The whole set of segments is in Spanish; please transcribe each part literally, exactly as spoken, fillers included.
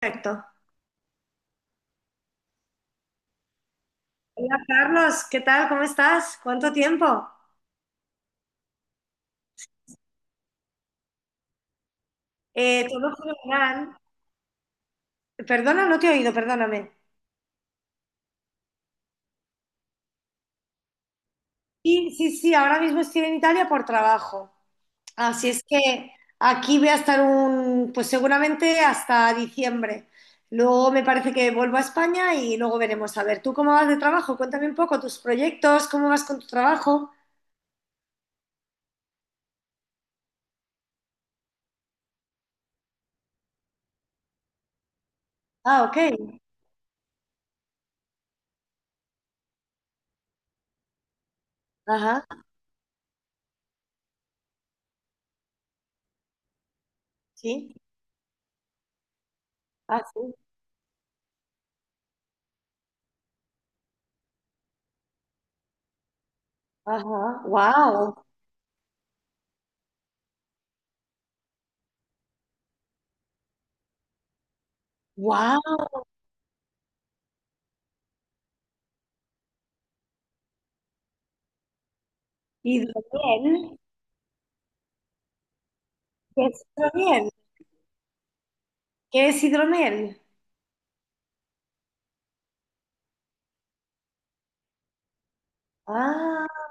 Perfecto. Hola Carlos, ¿qué tal? ¿Cómo estás? ¿Cuánto tiempo? Eh, todo fenomenal. Perdona, no te he oído, perdóname. Sí, sí, sí, ahora mismo estoy en Italia por trabajo. Así es que aquí voy a estar un, pues seguramente hasta diciembre. Luego me parece que vuelvo a España y luego veremos. A ver, ¿tú cómo vas de trabajo? Cuéntame un poco tus proyectos, cómo vas con tu trabajo. Ah, ok. Ajá, sí. Ah, sí. Ajá. Wow. Wow. ¿Y de bien? ¿Qué es hidromiel? ¿Qué es hidromiel? Ah,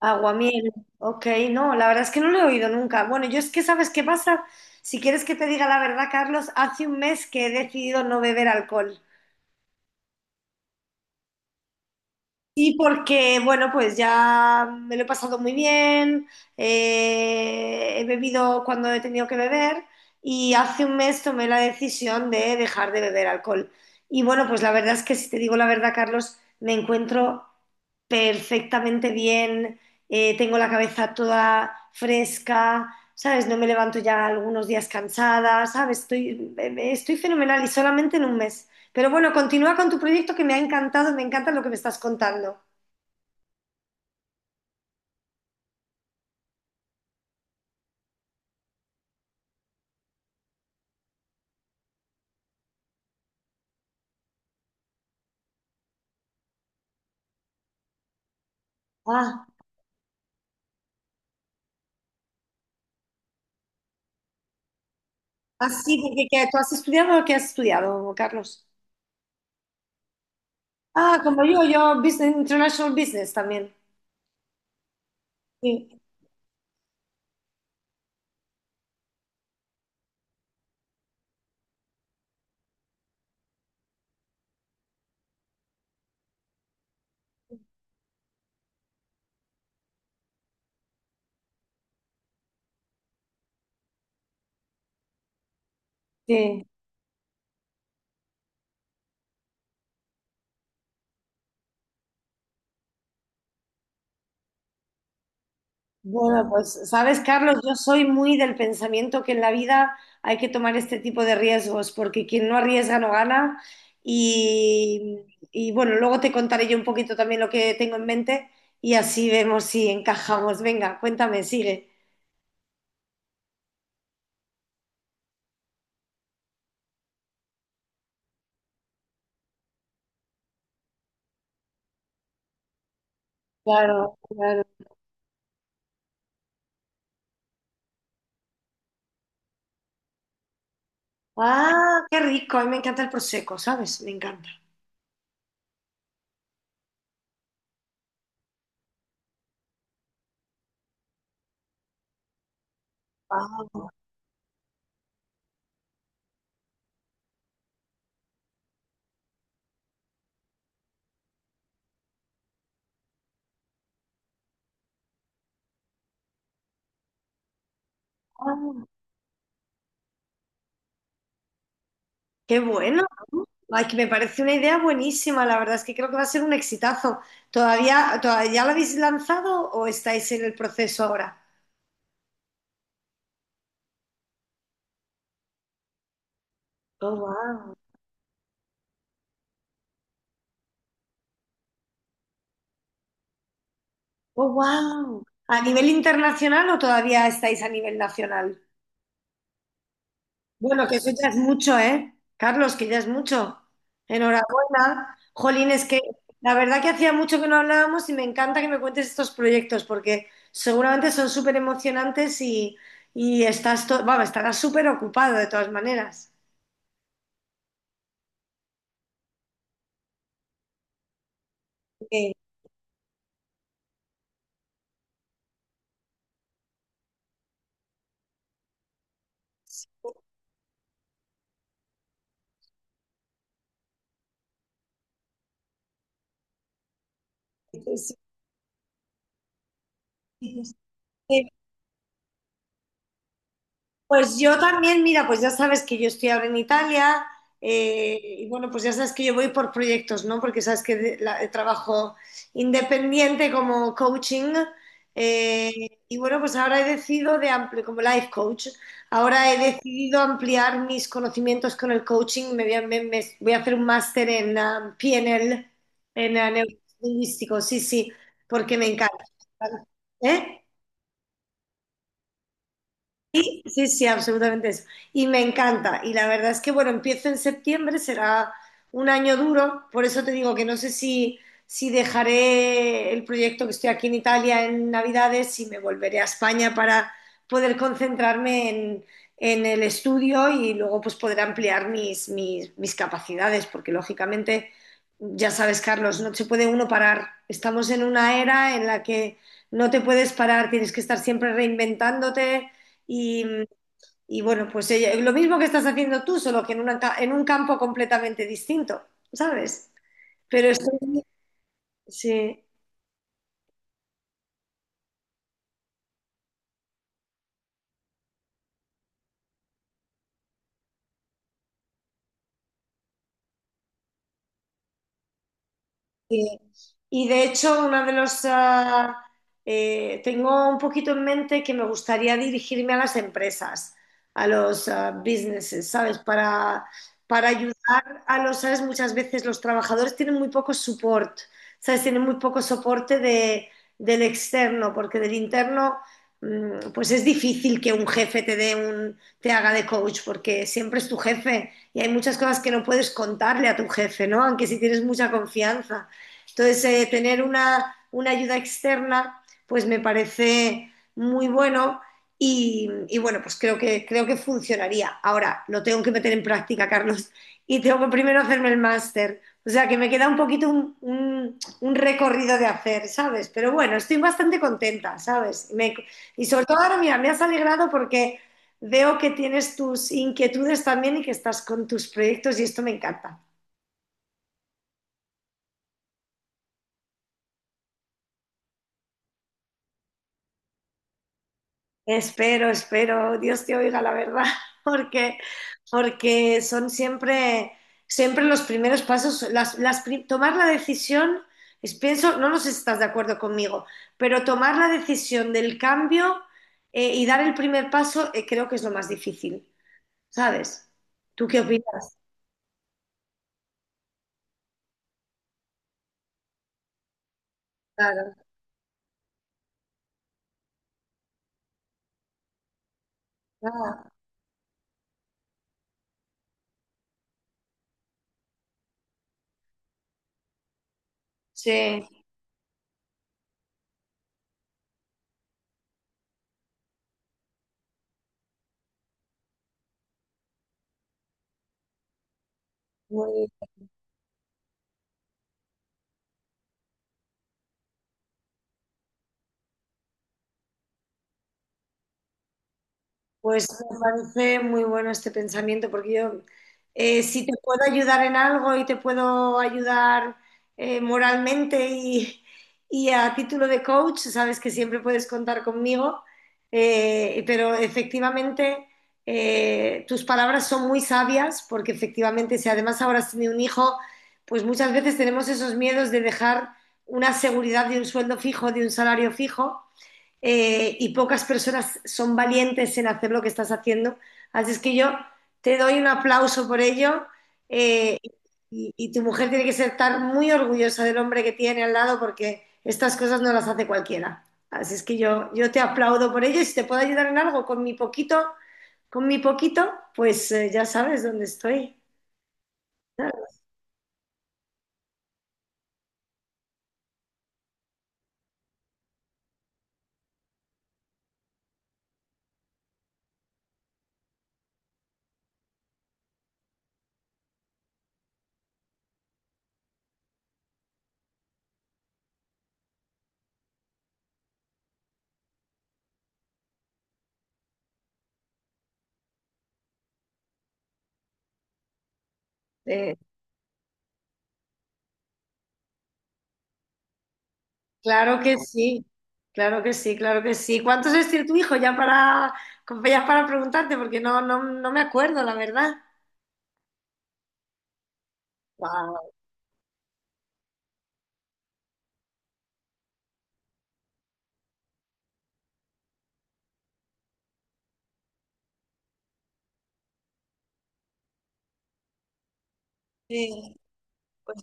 aguamiel. Ok, no, la verdad es que no lo he oído nunca. Bueno, yo es que, ¿sabes qué pasa? Si quieres que te diga la verdad, Carlos, hace un mes que he decidido no beber alcohol. Sí, porque, bueno, pues ya me lo he pasado muy bien, eh, he bebido cuando he tenido que beber y hace un mes tomé la decisión de dejar de beber alcohol. Y bueno, pues la verdad es que si te digo la verdad, Carlos, me encuentro perfectamente bien, eh, tengo la cabeza toda fresca, ¿sabes? No me levanto ya algunos días cansada, ¿sabes? Estoy, eh, eh, estoy fenomenal y solamente en un mes. Pero bueno, continúa con tu proyecto que me ha encantado, me encanta lo que me estás contando. Ah, así, porque ¿qué? ¿Tú has estudiado o qué has estudiado, Carlos? Ah, como yo, yo business, International Business también. Sí, sí. Bueno, pues sabes, Carlos, yo soy muy del pensamiento que en la vida hay que tomar este tipo de riesgos, porque quien no arriesga no gana. Y, y, bueno, luego te contaré yo un poquito también lo que tengo en mente y así vemos si encajamos. Venga, cuéntame, sigue. Claro, claro. Ah, qué rico, a mí me encanta el prosecco, ¿sabes? Me encanta. Ah. Qué bueno. Ay, que me parece una idea buenísima. La verdad es que creo que va a ser un exitazo. ¿Todavía, todavía lo habéis lanzado o estáis en el proceso ahora? Oh, wow. Oh, wow. ¿A nivel internacional o todavía estáis a nivel nacional? Bueno, que eso ya es mucho, ¿eh? Carlos, que ya es mucho. Enhorabuena. Jolín, es que la verdad que hacía mucho que no hablábamos y me encanta que me cuentes estos proyectos porque seguramente son súper emocionantes y, y estás, to- vamos, estarás súper ocupado de todas maneras. Eh, Sí, sí, sí. Pues yo también, mira, pues ya sabes que yo estoy ahora en Italia eh, y bueno, pues ya sabes que yo voy por proyectos, ¿no? Porque sabes que de- la- eh, trabajo independiente como coaching eh, y bueno, pues ahora he decidido de ampliar, como life coach, ahora he decidido ampliar mis conocimientos con el coaching, me voy a, me- me- voy a hacer un máster en ah, P N L, en ah, neurolingüístico, sí, sí, porque me encanta. ¿Eh? Sí, sí, absolutamente eso. Y me encanta. Y la verdad es que, bueno, empiezo en septiembre, será un año duro. Por eso te digo que no sé si, si dejaré el proyecto que estoy aquí en Italia en Navidades, si me volveré a España para poder concentrarme en, en el estudio y luego pues poder ampliar mis, mis, mis capacidades, porque lógicamente, ya sabes, Carlos, no se puede uno parar. Estamos en una era en la que no te puedes parar, tienes que estar siempre reinventándote. Y y bueno, pues ella- lo mismo que estás haciendo tú, solo que en, una ca- en un campo completamente distinto, ¿sabes? Pero estoy, sí. Sí. Y de hecho, una de los... ah, eh, tengo un poquito en mente que me gustaría dirigirme a las empresas, a los ah, businesses, ¿sabes? Para, para ayudar a los, ¿sabes? Muchas veces los trabajadores tienen muy poco support, ¿sabes? Tienen muy poco soporte de- del externo, porque del interno, mm, pues es difícil que un jefe te dé un, te haga de coach, porque siempre es tu jefe y hay muchas cosas que no puedes contarle a tu jefe, ¿no? Aunque si tienes mucha confianza. Entonces, eh, tener una, una, ayuda externa, pues me parece muy bueno y, y, bueno, pues creo que, creo que funcionaría. Ahora, lo tengo que meter en práctica, Carlos, y tengo que primero hacerme el máster. O sea, que me queda un poquito un, un, un recorrido de hacer, ¿sabes? Pero bueno, estoy bastante contenta, ¿sabes? Me, y sobre todo ahora, mira, me has alegrado porque veo que tienes tus inquietudes también y que estás con tus proyectos y esto me encanta. Espero, espero, Dios te oiga la verdad, porque, porque son siempre, siempre los primeros pasos, las, las pri- tomar la decisión, es, pienso, no, no sé si estás de acuerdo conmigo, pero tomar la decisión del cambio eh, y dar el primer paso eh, creo que es lo más difícil, ¿sabes? ¿Tú qué opinas? Claro, claro. Sí, muy. Pues me parece muy bueno este pensamiento, porque yo, eh, si te puedo ayudar en algo y te puedo ayudar eh, moralmente y, y a título de coach, sabes que siempre puedes contar conmigo, eh, pero efectivamente eh, tus palabras son muy sabias, porque efectivamente si además ahora has tenido un hijo, pues muchas veces tenemos esos miedos de dejar una seguridad de un sueldo fijo, de un salario fijo eh, y pocas personas son valientes en hacer lo que estás haciendo. Así es que yo te doy un aplauso por ello eh, y, y tu mujer tiene que ser estar muy orgullosa del hombre que tiene al lado porque estas cosas no las hace cualquiera. Así es que yo, yo te aplaudo por ello y si te puedo ayudar en algo con mi poquito, con mi poquito, pues eh, ya sabes dónde estoy. Eh, Claro que sí, claro que sí, claro que sí. ¿Cuántos años tiene tu hijo? Ya para, ya para preguntarte, porque no, no, no me acuerdo, la verdad. Guau. Sí, pues,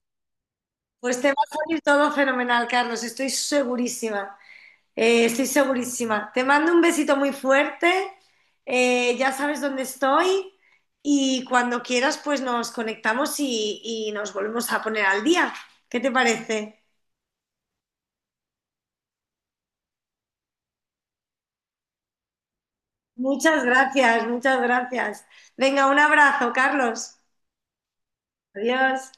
pues te va a salir todo fenomenal, Carlos, estoy segurísima, eh, estoy segurísima. Te mando un besito muy fuerte, eh, ya sabes dónde estoy y cuando quieras pues nos conectamos y, y nos volvemos a poner al día. ¿Qué te parece? Muchas gracias, muchas gracias. Venga, un abrazo, Carlos. Adiós.